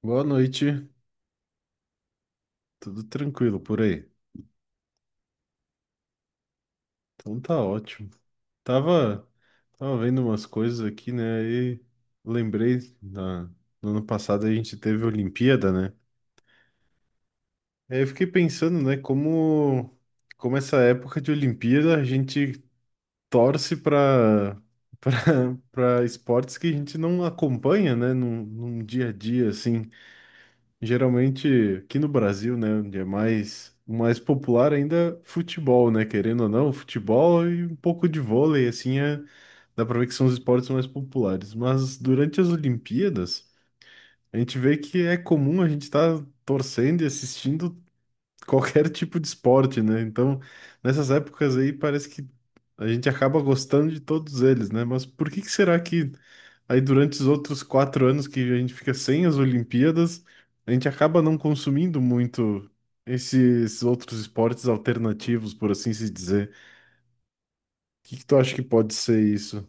Boa noite, tudo tranquilo por aí? Então tá ótimo. Tava, tava vendo umas coisas aqui, né? E lembrei no ano passado a gente teve Olimpíada, né? Aí eu fiquei pensando, né, como essa época de Olimpíada a gente torce para esportes que a gente não acompanha, né, num dia a dia assim. Geralmente aqui no Brasil, né, onde é mais popular ainda é futebol, né, querendo ou não, futebol e um pouco de vôlei, assim, é, dá pra ver que são os esportes mais populares. Mas durante as Olimpíadas, a gente vê que é comum a gente estar torcendo e assistindo qualquer tipo de esporte, né? Então, nessas épocas aí, parece que a gente acaba gostando de todos eles, né? Mas por que que será que aí durante os outros 4 anos que a gente fica sem as Olimpíadas, a gente acaba não consumindo muito esses outros esportes alternativos, por assim se dizer? O que que tu acha que pode ser isso?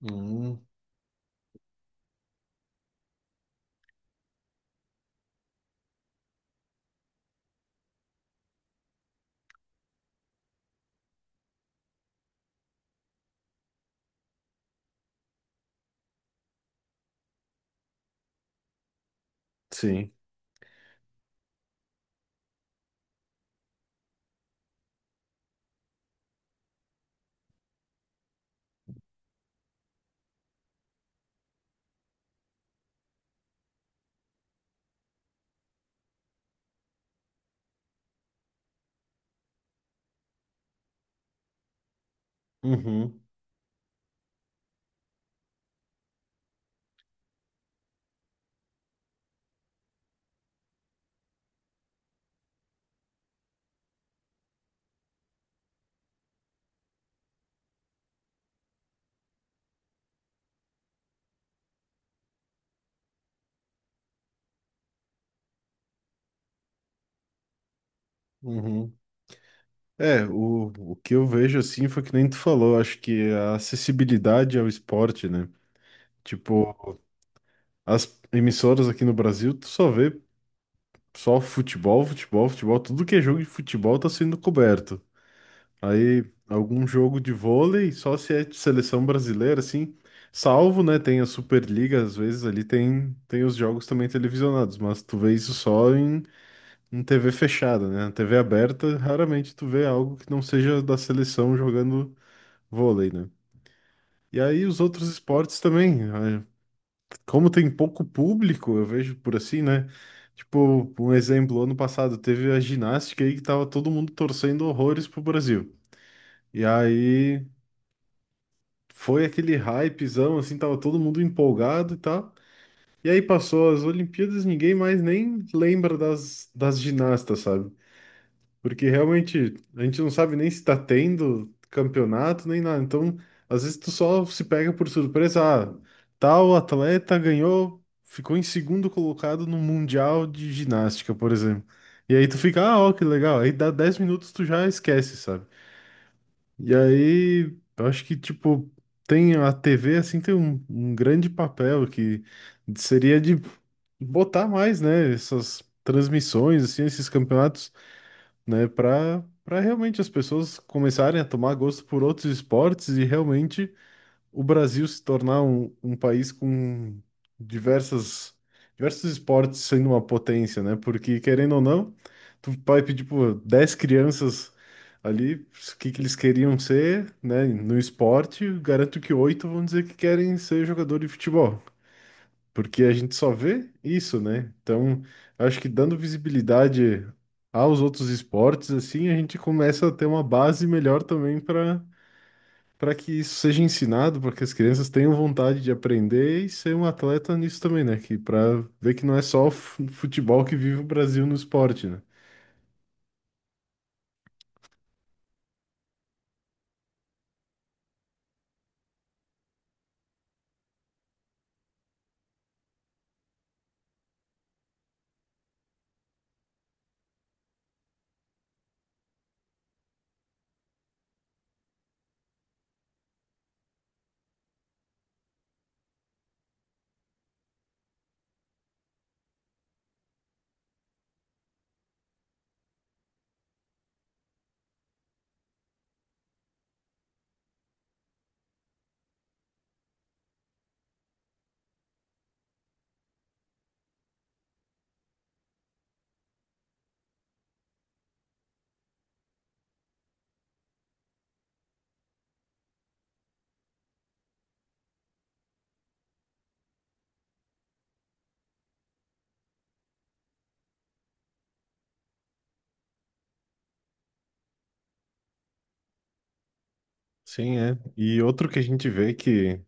Hum, sim. Uhum, uhum. É, o que eu vejo assim foi que nem tu falou, acho que a acessibilidade ao esporte, né? Tipo, as emissoras aqui no Brasil, tu só vê só futebol, futebol, futebol, tudo que é jogo de futebol tá sendo coberto. Aí, algum jogo de vôlei, só se é de seleção brasileira, assim, salvo, né? Tem a Superliga, às vezes ali tem, os jogos também televisionados, mas tu vê isso só em TV fechada, né? Na TV aberta, raramente tu vê algo que não seja da seleção jogando vôlei, né? E aí os outros esportes também. Como tem pouco público, eu vejo por assim, né? Tipo, um exemplo, ano passado teve a ginástica aí que tava todo mundo torcendo horrores pro Brasil. E aí foi aquele hypezão, assim, tava todo mundo empolgado e tal. E aí passou as Olimpíadas, ninguém mais nem lembra das ginastas, sabe? Porque realmente a gente não sabe nem se tá tendo campeonato nem nada. Então, às vezes tu só se pega por surpresa. Ah, tal atleta ganhou, ficou em segundo colocado no Mundial de Ginástica, por exemplo. E aí tu fica, ah, ó, que legal. Aí dá 10 minutos tu já esquece, sabe? E aí, eu acho que, tipo, tem a TV, assim, tem um, grande papel que seria de botar mais, né? Essas transmissões, assim, esses campeonatos, né? Para realmente as pessoas começarem a tomar gosto por outros esportes e realmente o Brasil se tornar um país com diversas diversos esportes sendo uma potência, né? Porque querendo ou não, tu vai pedir por 10 crianças ali o que que eles queriam ser, né, no esporte, garanto que oito vão dizer que querem ser jogador de futebol porque a gente só vê isso, né? Então, acho que dando visibilidade aos outros esportes, assim, a gente começa a ter uma base melhor também para que isso seja ensinado, para que as crianças tenham vontade de aprender e ser um atleta nisso também, né? Que para ver que não é só o futebol que vive o Brasil no esporte, né? Sim, é. E outro que a gente vê que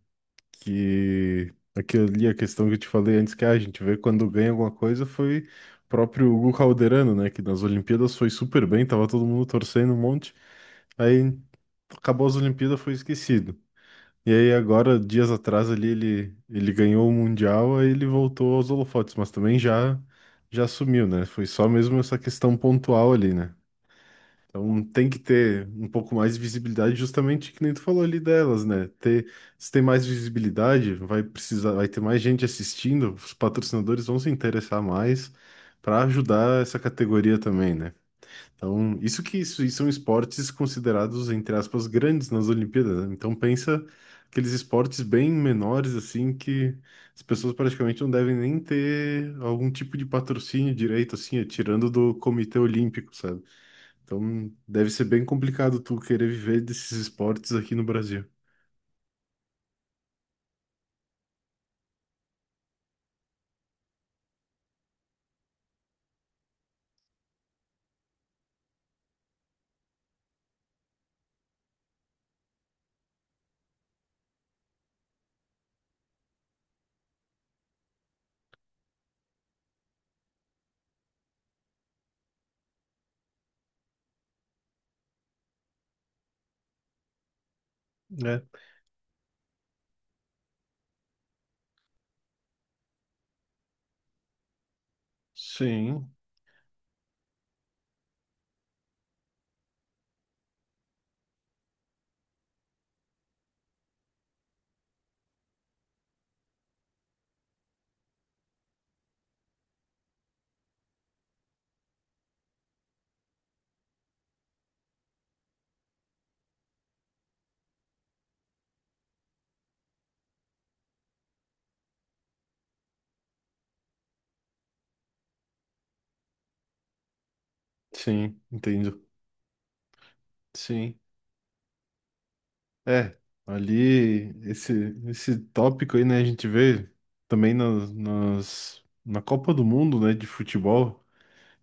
que aquilo ali, a questão que eu te falei antes, que ah, a gente vê quando ganha alguma coisa, foi o próprio Hugo Calderano, né? Que nas Olimpíadas foi super bem, tava todo mundo torcendo um monte. Aí acabou as Olimpíadas, foi esquecido. E aí agora, dias atrás ali, ele ganhou o Mundial, aí ele voltou aos holofotes, mas também já sumiu, né? Foi só mesmo essa questão pontual ali, né? Então tem que ter um pouco mais de visibilidade, justamente que nem tu falou ali delas, né? Ter, se tem mais visibilidade, vai precisar, vai ter mais gente assistindo, os patrocinadores vão se interessar mais para ajudar essa categoria também, né? Então, isso que isso, e são esportes considerados, entre aspas, grandes nas Olimpíadas, né? Então pensa aqueles esportes bem menores, assim, que as pessoas praticamente não devem nem ter algum tipo de patrocínio direito, assim, é, tirando do Comitê Olímpico, sabe? Então, deve ser bem complicado tu querer viver desses esportes aqui no Brasil. É, sim, sim, entendo. Sim. É, ali, esse tópico aí, né, a gente vê também na Copa do Mundo, né, de futebol,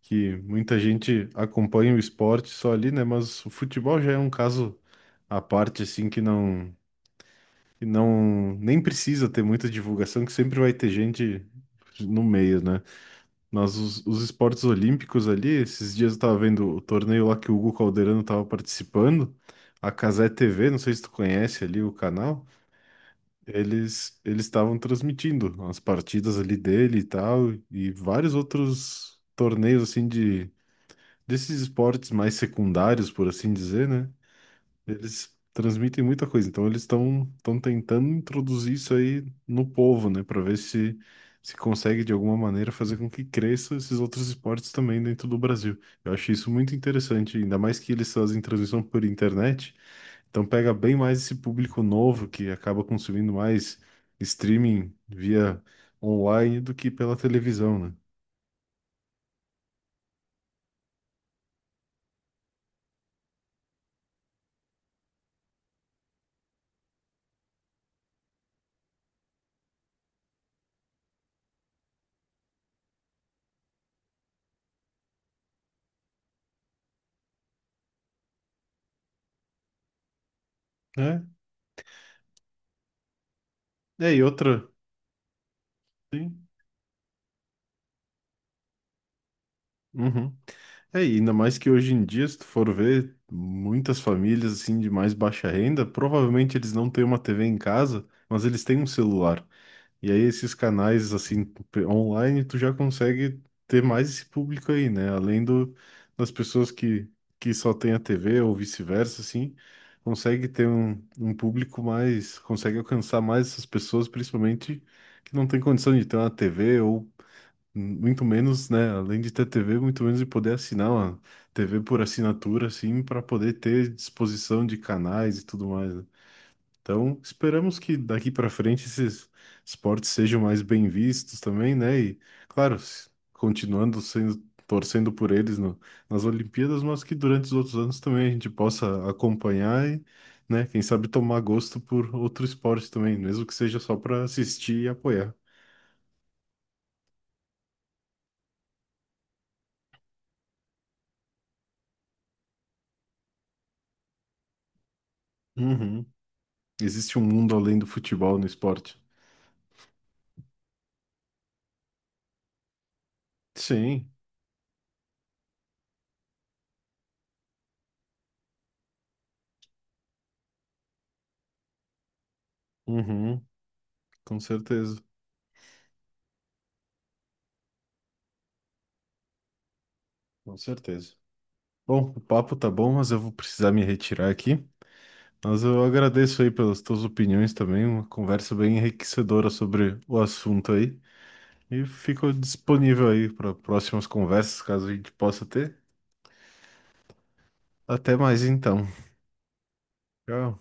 que muita gente acompanha o esporte só ali, né, mas o futebol já é um caso à parte, assim, que não, nem precisa ter muita divulgação, que sempre vai ter gente no meio, né? Mas os esportes olímpicos ali, esses dias eu tava vendo o torneio lá que o Hugo Calderano tava participando, a Cazé TV, não sei se tu conhece ali o canal, eles estavam transmitindo as partidas ali dele e tal, e vários outros torneios assim de desses esportes mais secundários, por assim dizer, né? Eles transmitem muita coisa, então eles estão tentando introduzir isso aí no povo, né, para ver se se consegue de alguma maneira fazer com que cresça esses outros esportes também dentro do Brasil. Eu achei isso muito interessante, ainda mais que eles fazem transmissão por internet, então pega bem mais esse público novo que acaba consumindo mais streaming via online do que pela televisão, né? É, é, e outra, sim. Uhum. É, e ainda mais que hoje em dia, se tu for ver, muitas famílias assim de mais baixa renda, provavelmente eles não têm uma TV em casa, mas eles têm um celular. E aí esses canais assim online, tu já consegue ter mais esse público aí, né? Além das pessoas que só têm a TV ou vice-versa, assim, consegue ter um, público mais, consegue alcançar mais essas pessoas, principalmente que não tem condição de ter uma TV ou muito menos, né? Além de ter TV, muito menos de poder assinar uma TV por assinatura, assim, para poder ter disposição de canais e tudo mais, né? Então, esperamos que daqui para frente esses esportes sejam mais bem vistos também, né? E, claro, continuando sendo, torcendo por eles nas Olimpíadas, mas que durante os outros anos também a gente possa acompanhar e, né? Quem sabe tomar gosto por outro esporte também, mesmo que seja só para assistir e apoiar. Uhum. Existe um mundo além do futebol no esporte. Sim, uhum, com certeza, com certeza. Bom, o papo tá bom, mas eu vou precisar me retirar aqui. Mas eu agradeço aí pelas tuas opiniões também, uma conversa bem enriquecedora sobre o assunto aí. E fico disponível aí para próximas conversas, caso a gente possa ter. Até mais então. Tchau.